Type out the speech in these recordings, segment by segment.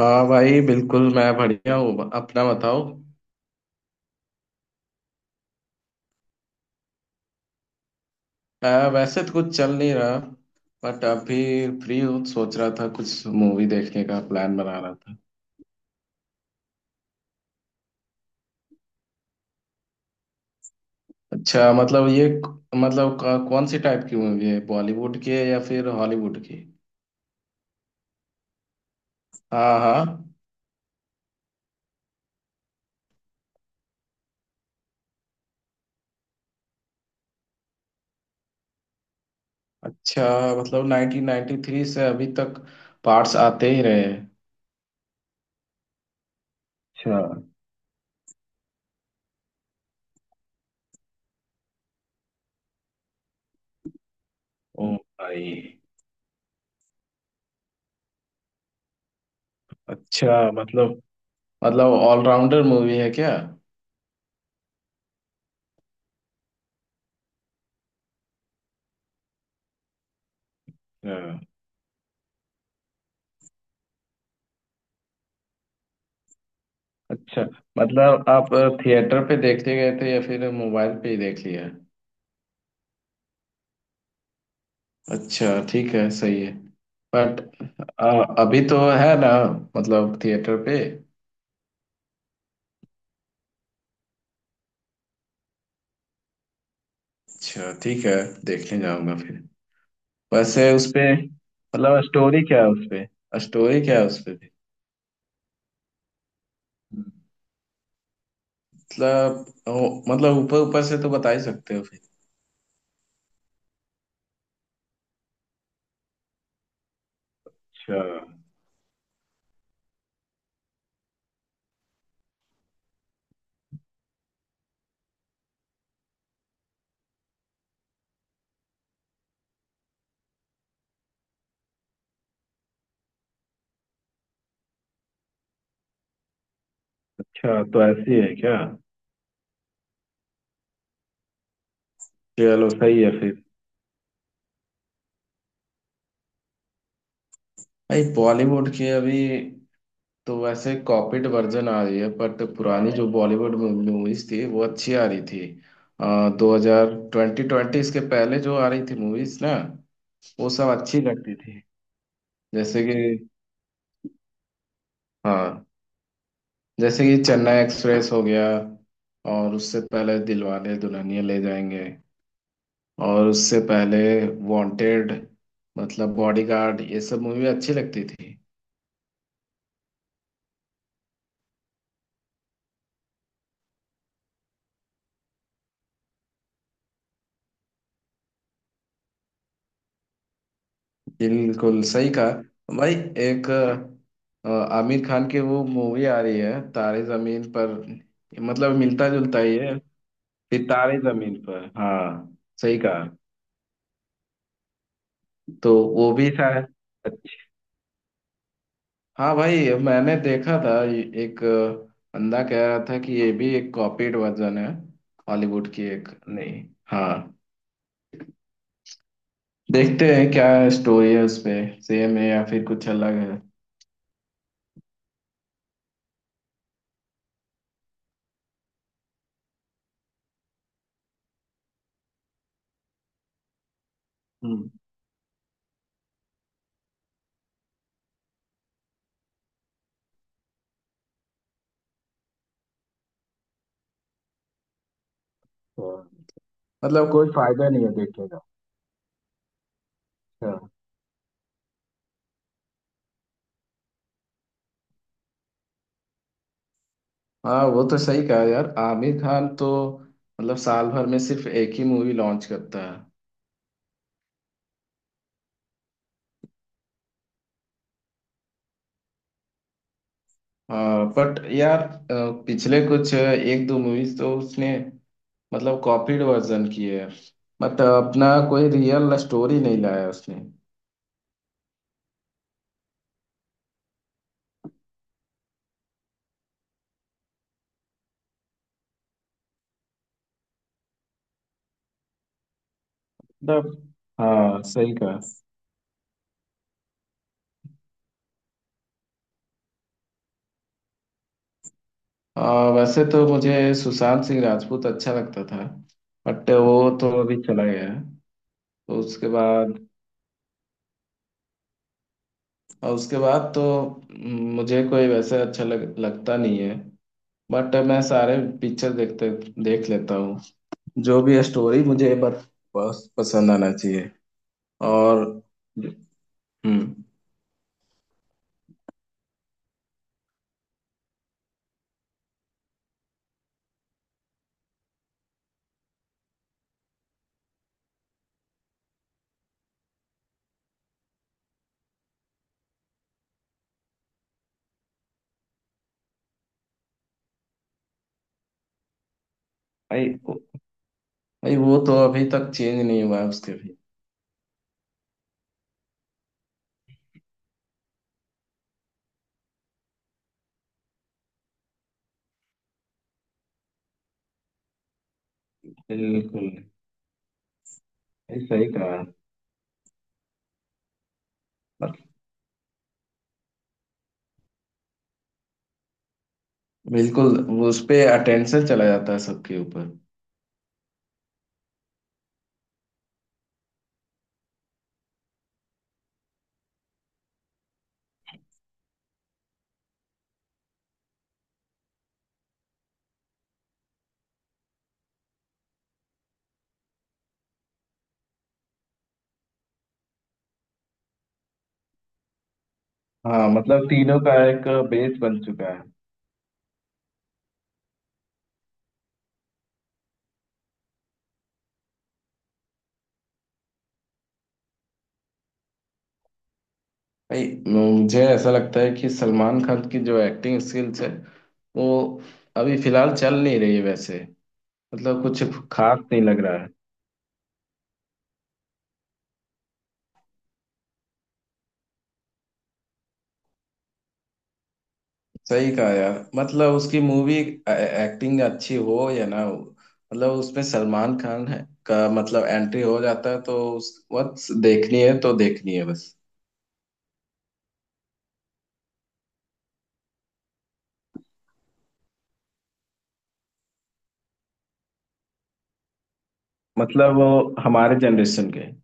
हाँ भाई, बिल्कुल। मैं बढ़िया हूँ, अपना बताओ। वैसे तो कुछ चल नहीं रहा, बट अभी फ्री हूँ, सोच रहा था कुछ मूवी देखने का प्लान बना रहा था। अच्छा, मतलब ये मतलब कौन सी टाइप की मूवी है, बॉलीवुड की है या फिर हॉलीवुड की? हाँ, हाँ। अच्छा, मतलब 1993 से अभी तक पार्ट्स आते ही रहे हैं। अच्छा। ओ भाई। अच्छा, मतलब ऑलराउंडर मूवी है क्या? अच्छा, मतलब आप थिएटर पे देखने गए थे या फिर मोबाइल पे ही देख लिया? अच्छा, ठीक है, सही है। बट अभी तो है ना, मतलब थिएटर पे? अच्छा, ठीक है, देखने जाऊंगा फिर। वैसे उसपे मतलब स्टोरी क्या है उसपे? स्टोरी क्या है उसपे भी? मतलब ऊपर ऊपर से तो बता ही सकते हो फिर। अच्छा। अच्छा, तो ऐसी है क्या? चलो, सही है फिर। भाई, बॉलीवुड के अभी तो वैसे कॉपीड वर्जन आ रही है, बट पुरानी जो बॉलीवुड मूवीज थी वो अच्छी आ रही थी। 2020 ट्वेंटी इसके पहले जो आ रही थी मूवीज ना, वो सब अच्छी लगती थी। जैसे कि, हाँ, जैसे कि चेन्नई एक्सप्रेस हो गया, और उससे पहले दिलवाले दुल्हनिया ले जाएंगे, और उससे पहले वांटेड, मतलब बॉडीगार्ड, ये सब मूवी अच्छी लगती थी। बिल्कुल सही कहा भाई। एक अ, आमिर खान की वो मूवी आ रही है तारे जमीन पर, मतलब मिलता जुलता ही है। फिर तारे जमीन पर, हाँ, सही कहा। तो वो भी शायद। अच्छा। हाँ भाई, मैंने देखा था, एक बंदा कह रहा था कि ये भी एक कॉपीड वर्जन है, हॉलीवुड की। एक नहीं। हाँ। देखते हैं क्या स्टोरी है उस पे, सेम है या फिर कुछ अलग है। हम्म। तो मतलब कोई फायदा नहीं है देखने का। हाँ, वो तो सही कहा यार। आमिर खान तो मतलब साल भर में सिर्फ एक ही मूवी लॉन्च करता है। हाँ, बट यार पिछले कुछ एक दो मूवीज तो उसने मतलब कॉपीड वर्जन किए हैं, मतलब अपना कोई रियल स्टोरी नहीं लाया उसने। मतलब हाँ, सही कहा। वैसे तो मुझे सुशांत सिंह राजपूत अच्छा लगता था, बट वो तो अभी चला गया है, तो उसके बाद। और उसके बाद तो मुझे कोई वैसे अच्छा लगता नहीं है। बट मैं सारे पिक्चर देख लेता हूँ। जो भी है स्टोरी, मुझे बस बस पसंद आना चाहिए। और, हम्म। भाई, भाई वो तो अभी तक चेंज नहीं हुआ है उसके भी। बिल्कुल। भाई सही कहा। मत- बिल्कुल, वो उस पे अटेंशन चला जाता है सबके ऊपर। हाँ, मतलब तीनों का एक बेस बन चुका है। भाई, मुझे ऐसा लगता है कि सलमान खान की जो एक्टिंग स्किल्स है वो अभी फिलहाल चल नहीं रही है वैसे, मतलब कुछ खास नहीं लग रहा है। सही कहा यार। मतलब उसकी मूवी, एक्टिंग अच्छी हो या ना हो, मतलब उसमें सलमान खान है का मतलब एंट्री हो जाता है, तो उस वक्त देखनी है तो देखनी है बस। मतलब वो हमारे जनरेशन के हैं।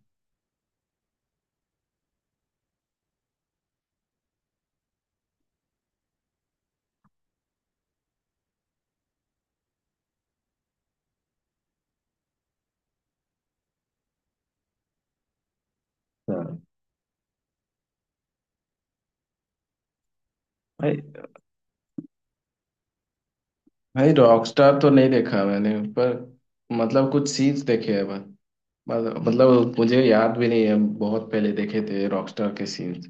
हाँ भाई। भाई, रॉकस्टार तो नहीं देखा मैंने, पर मतलब कुछ सीन्स देखे हैं बस। मतलब मुझे याद भी नहीं है, बहुत पहले देखे थे रॉकस्टार के सीन्स।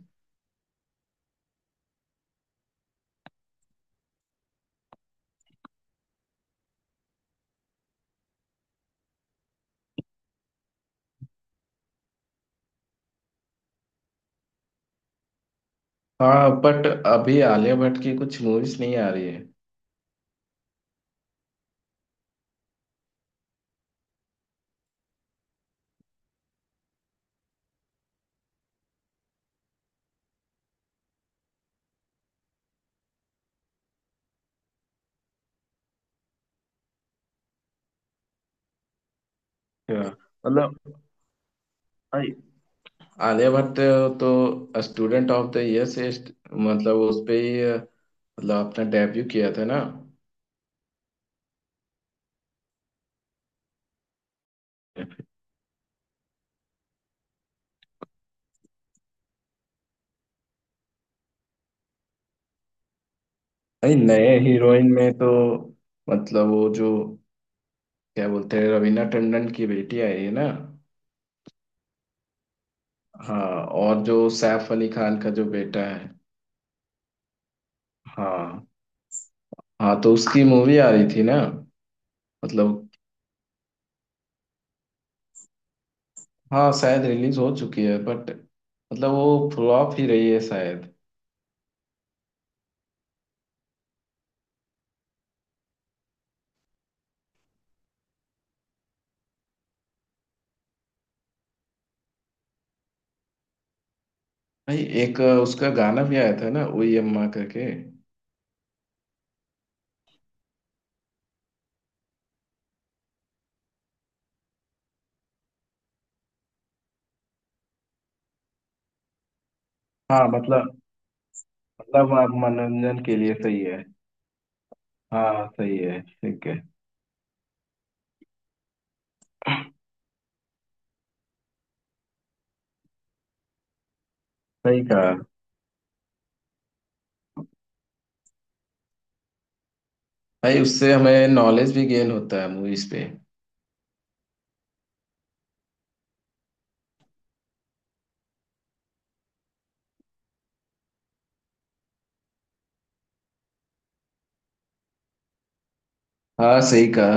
हाँ, बट अभी आलिया भट्ट की कुछ मूवीज नहीं आ रही है। हाँ, मतलब आर्यभट्ट तो स्टूडेंट ऑफ द ईयर से मतलब उस पे ही मतलब अपना डेब्यू किया था ना। नहीं, नए हीरोइन में तो मतलब वो जो क्या बोलते हैं, रवीना टंडन की बेटी आई है ना। हाँ। और जो सैफ अली खान का जो बेटा है। हाँ, हाँ, तो उसकी मूवी आ रही थी ना। मतलब हाँ, शायद रिलीज हो चुकी है, बट मतलब वो फ्लॉप ही रही है शायद। भाई, एक उसका गाना भी आया था ना, ओ अम्मा करके। हाँ, मतलब आप मनोरंजन के लिए सही है। हाँ, सही है, ठीक है। सही कहा। भाई, उससे हमें नॉलेज भी गेन होता है मूवीज पे। हाँ, सही कहा।